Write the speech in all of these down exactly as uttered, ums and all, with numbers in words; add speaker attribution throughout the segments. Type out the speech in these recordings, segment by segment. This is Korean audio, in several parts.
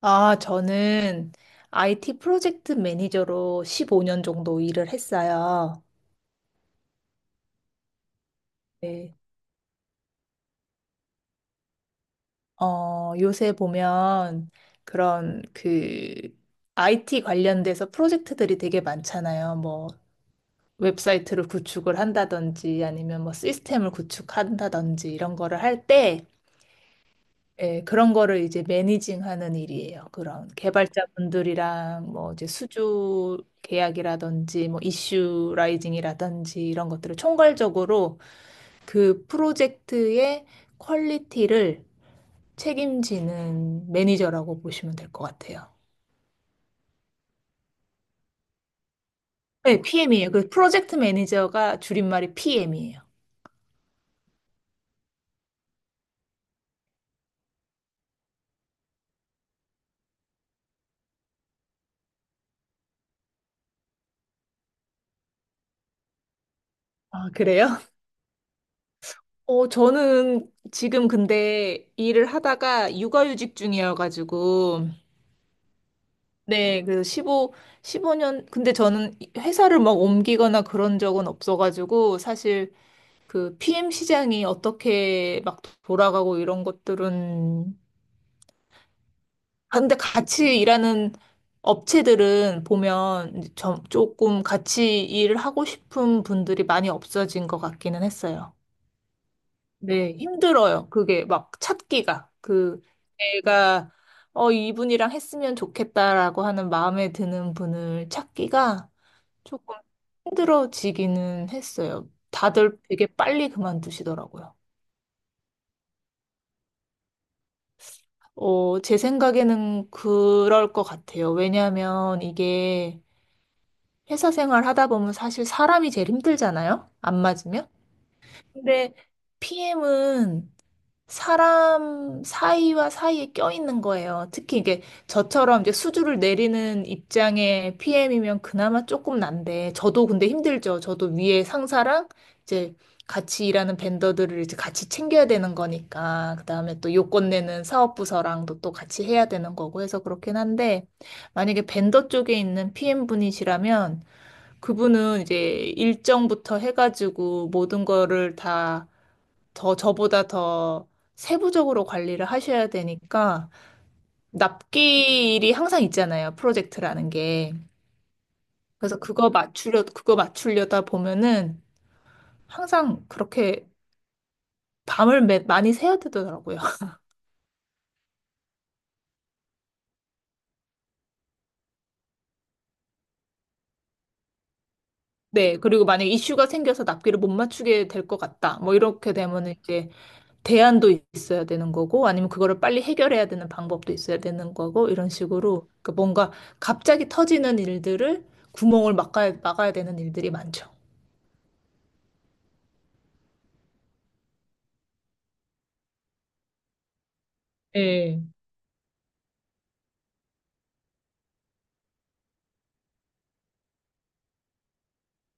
Speaker 1: 아, 저는 아이티 프로젝트 매니저로 십오 년 정도 일을 했어요. 네. 어, 요새 보면 그런 그 아이티 관련돼서 프로젝트들이 되게 많잖아요. 뭐 웹사이트를 구축을 한다든지 아니면 뭐 시스템을 구축한다든지 이런 거를 할때, 예, 그런 거를 이제 매니징하는 일이에요. 그런 개발자분들이랑 뭐 이제 수주 계약이라든지 뭐 이슈 라이징이라든지 이런 것들을 총괄적으로 그 프로젝트의 퀄리티를 책임지는 매니저라고 보시면 될 것 같아요. 네, 피엠이에요. 그 프로젝트 매니저가 줄임말이 피엠이에요. 아, 그래요? 어, 저는 지금 근데 일을 하다가 육아휴직 중이어가지고. 네, 그래서 십오 년, 근데 저는 이- 회사를 막 옮기거나 그런 적은 없어가지고, 사실 그 피엠 시장이 어떻게 막 돌아가고 이런 것들은. 아, 근데 같이 일하는 업체들은 보면 이제 좀, 조금 같이 일을 하고 싶은 분들이 많이 없어진 것 같기는 했어요. 네, 힘들어요. 그게 막 찾기가. 그, 내가, 어, 이분이랑 했으면 좋겠다라고 하는 마음에 드는 분을 찾기가 조금 힘들어지기는 했어요. 다들 되게 빨리 그만두시더라고요. 어, 제 생각에는 그럴 것 같아요. 왜냐하면 이게 회사 생활 하다 보면 사실 사람이 제일 힘들잖아요. 안 맞으면. 근데 피엠은 사람 사이와 사이에 껴있는 거예요. 특히 이게 저처럼 이제 수주를 내리는 입장의 피엠이면 그나마 조금 난데, 저도 근데 힘들죠. 저도 위에 상사랑 이제 같이 일하는 vendor들을 이제 같이 챙겨야 되는 거니까, 그 다음에 또 요건 내는 사업부서랑도 또 같이 해야 되는 거고 해서 그렇긴 한데, 만약에 벤더 쪽에 있는 피엠 분이시라면, 그분은 이제 일정부터 해가지고 모든 거를 다 더 저보다 더 세부적으로 관리를 하셔야 되니까. 납기일이 항상 있잖아요. 프로젝트라는 게. 그래서 그거 맞추려 그거 맞추려다 보면은 항상 그렇게 밤을 매- 많이 새야 되더라고요. 네. 그리고 만약 이슈가 생겨서 납기를 못 맞추게 될 것 같다, 뭐 이렇게 되면은 이제 대안도 있어야 되는 거고, 아니면 그거를 빨리 해결해야 되는 방법도 있어야 되는 거고, 이런 식으로 그 뭔가 갑자기 터지는 일들을, 구멍을 막아야, 막아야 되는 일들이 많죠. 네.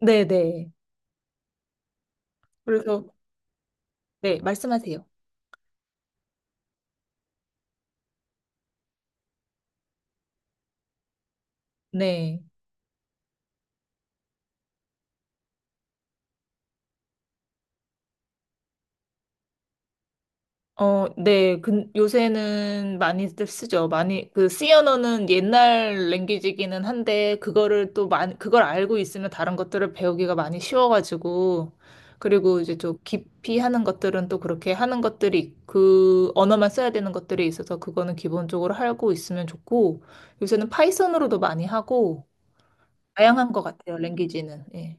Speaker 1: 네네. 그래서, 네, 말씀하세요. 네. 어, 네. 근 요새는 많이들 쓰죠. 많이, 그, C 언어는 옛날 랭귀지기는 한데, 그거를 또 많이, 그걸 알고 있으면 다른 것들을 배우기가 많이 쉬워가지고, 그리고 이제 좀 깊이 하는 것들은 또 그렇게 하는 것들이, 그 언어만 써야 되는 것들이 있어서, 그거는 기본적으로 알고 있으면 좋고, 요새는 파이썬으로도 많이 하고, 다양한 것 같아요, 랭귀지는. 예.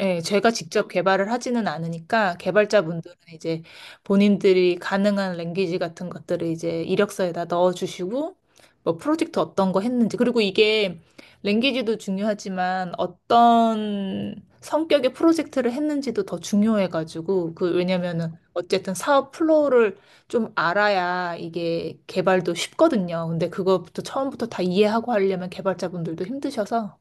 Speaker 1: 예, 제가 직접 개발을 하지는 않으니까 개발자분들은 이제 본인들이 가능한 랭귀지 같은 것들을 이제 이력서에다 넣어주시고, 뭐 프로젝트 어떤 거 했는지, 그리고 이게 랭귀지도 중요하지만 어떤 성격의 프로젝트를 했는지도 더 중요해가지고, 그 왜냐면은 어쨌든 사업 플로우를 좀 알아야 이게 개발도 쉽거든요. 근데 그것부터 처음부터 다 이해하고 하려면 개발자분들도 힘드셔서.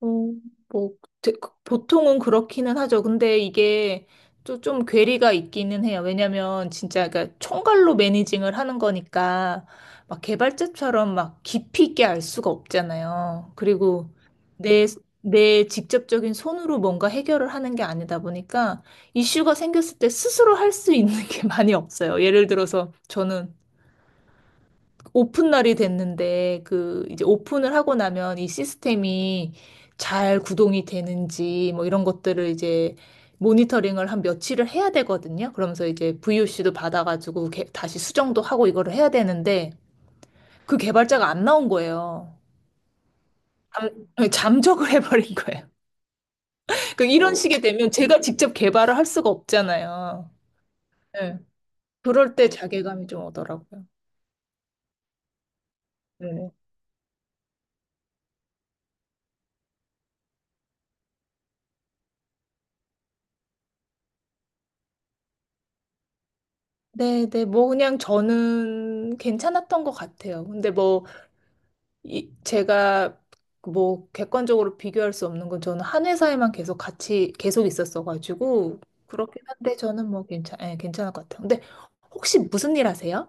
Speaker 1: 어, 뭐, 대- 그- 보통은 그렇기는 하죠. 근데 이게 또 좀 괴리가 있기는 해요. 왜냐면 진짜 그러니까 총괄로 매니징을 하는 거니까 막 개발자처럼 막 깊이 있게 알 수가 없잖아요. 그리고 내, 내 직접적인 손으로 뭔가 해결을 하는 게 아니다 보니까 이슈가 생겼을 때 스스로 할 수 있는 게 많이 없어요. 예를 들어서 저는 오픈 날이 됐는데 그 이제 오픈을 하고 나면 이 시스템이 잘 구동이 되는지 뭐 이런 것들을 이제 모니터링을 한 며칠을 해야 되거든요. 그러면서 이제 브이오씨도 받아가지고 개- 다시 수정도 하고 이거를 해야 되는데 그 개발자가 안 나온 거예요. 잠, 잠적을 해버린 거예요. 그 이런 어, 식이 되면 제가 직접 개발을 할 수가 없잖아요. 네. 그럴 때 자괴감이 좀 오더라고요. 네. 네, 네, 뭐 그냥 저는 괜찮았던 것 같아요. 근데 뭐 이, 제가 뭐 객관적으로 비교할 수 없는 건 저는 한 회사에만 계속 같이 계속 있었어가지고. 그렇긴 한데 저는 뭐 괜찮, 예, 괜찮을 것 같아요. 근데 혹시 무슨 일 하세요?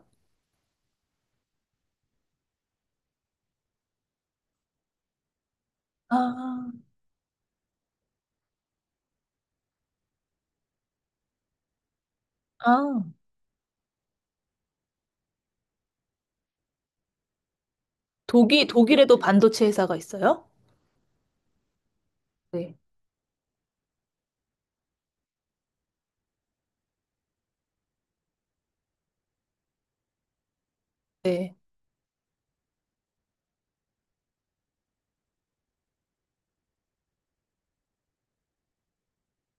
Speaker 1: 아, 아, 독일, 독일에도 반도체 회사가 있어요? 네. 네.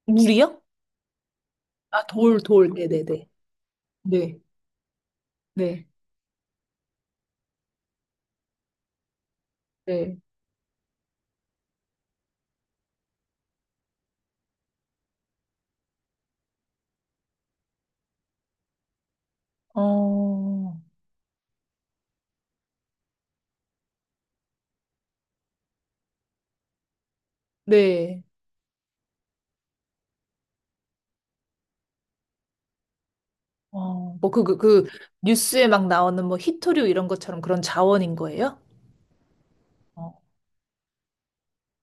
Speaker 1: 물이요? 아, 돌, 돌. 네네네. 네. 네. 네. 어, 네. 어, 뭐 그, 그, 그, 뉴스에 막 나오는 뭐 히토류 이런 것처럼 그런 자원인 거예요? 어,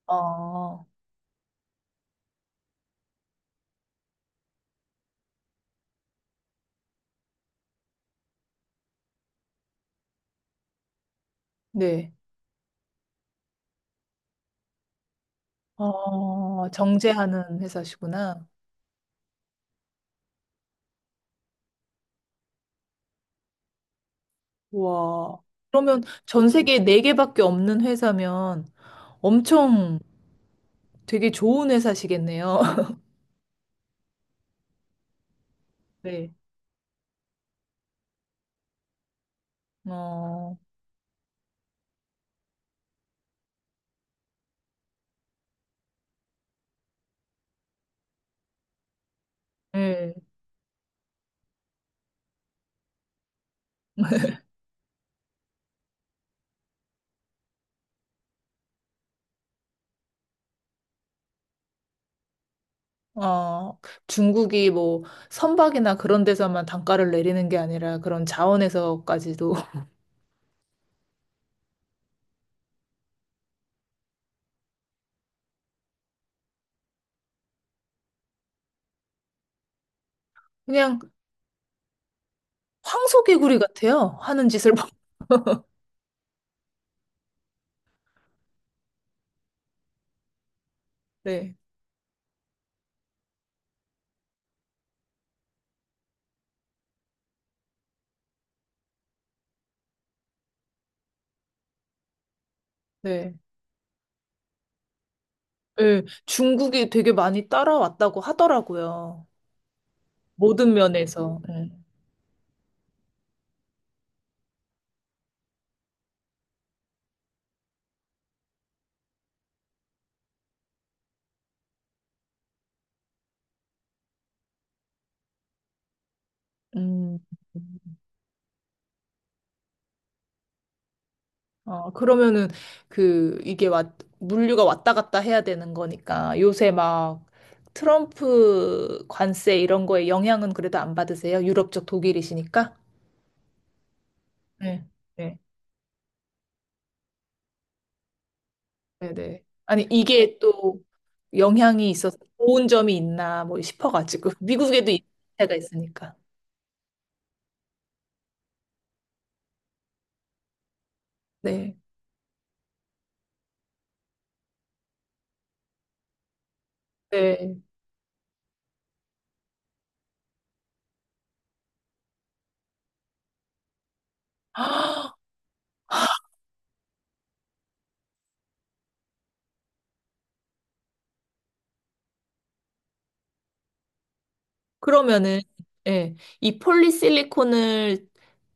Speaker 1: 어, 네. 어, 정제하는 회사시구나. 와, 그러면 전 세계에 네개밖에 없는 회사면 엄청 되게 좋은 회사시겠네요. 네. 어, 네. 어, 중국이 뭐 선박이나 그런 데서만 단가를 내리는 게 아니라 그런 자원에서까지도. 그냥 황소개구리 같아요. 하는 짓을 봐. 네. 네. 네. 중국이 되게 많이 따라왔다고 하더라고요. 모든 면에서. 네. 음. 어, 그러면은 그 이게 왔, 물류가 왔다 갔다 해야 되는 거니까 요새 막 트럼프 관세 이런 거에 영향은 그래도 안 받으세요? 유럽 쪽 독일이시니까? 네. 네, 네, 네. 아니 이게 또 영향이 있어서 좋은 점이 있나 뭐 싶어가지고 미국에도 이가 있으니까. 네, 네. 그러면은 예, 이 폴리실리콘을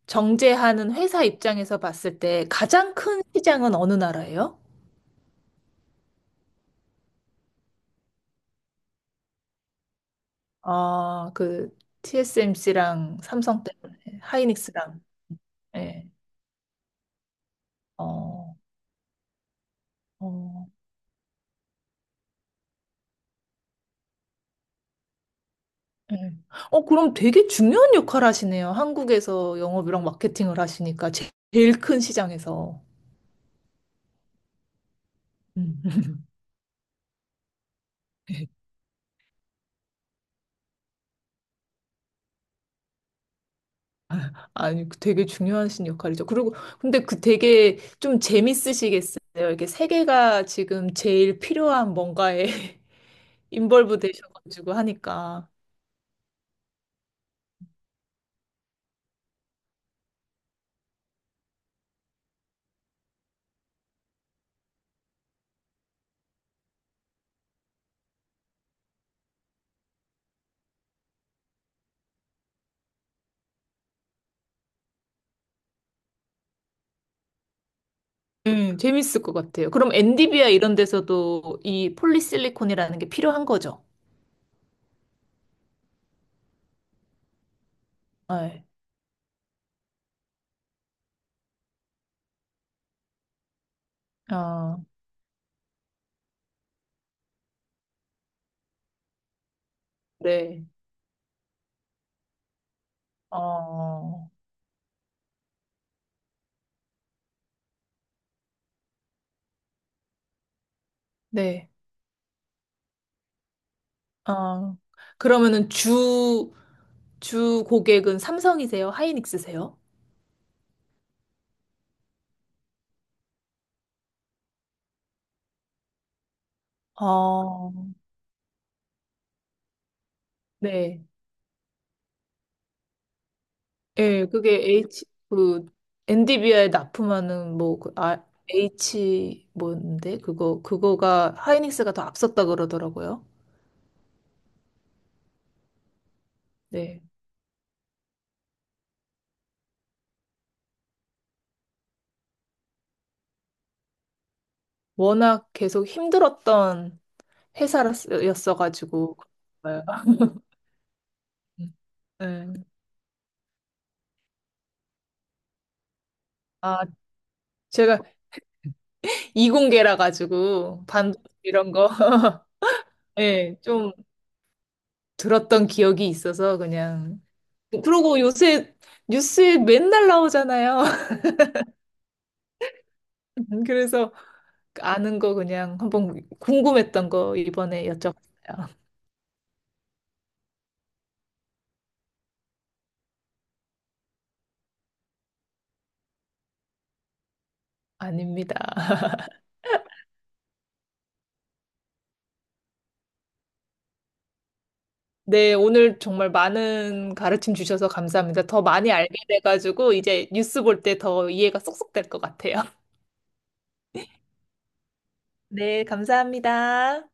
Speaker 1: 정제하는 회사 입장에서 봤을 때 가장 큰 시장은 어느 나라예요? 아, 그 티에스엠씨랑 삼성 때문에 하이닉스랑. 예. 어, 어, 예. 어, 그럼 되게 중요한 역할 하시네요. 한국에서 영업이랑 마케팅을 하시니까 제- 제일 큰 시장에서. 음. 아니, 그 되게 중요하신 역할이죠. 그리고, 근데 그 되게 좀 재밌으시겠어요. 이렇게 세계가 지금 제일 필요한 뭔가에 인벌브 되셔가지고 하니까. 네, 재밌을 것 같아요. 그럼 엔디비아 이런 데서도 이 폴리실리콘이라는 게 필요한 거죠? 네. 아, 네. 어, 네. 아, 그러면은 주, 주 고객은 삼성이세요, 하이닉스세요? 어, 네. 예, 그게 에이치, 그, 엔디비아에 납품하는, 뭐, 그, 아, 에이치, 뭔데? 그거, 그거가 하이닉스가 더 앞섰다 그러더라고요. 네. 워낙 계속 힘들었던 회사였어가지고, 그런 거예요. 네. 아, 제가 이공계라 가지고, 반도체 이런 거, 예, 좀 들었던 기억이 있어서 그냥. 그러고 요새 뉴스에 맨날 나오잖아요. 그래서 아는 거 그냥 한번 궁금했던 거 이번에 여쭤봤어요. 아닙니다. 네, 오늘 정말 많은 가르침 주셔서 감사합니다. 더 많이 알게 돼가지고 이제 뉴스 볼 때 더 이해가 쏙쏙 될 것 같아요. 네, 감사합니다.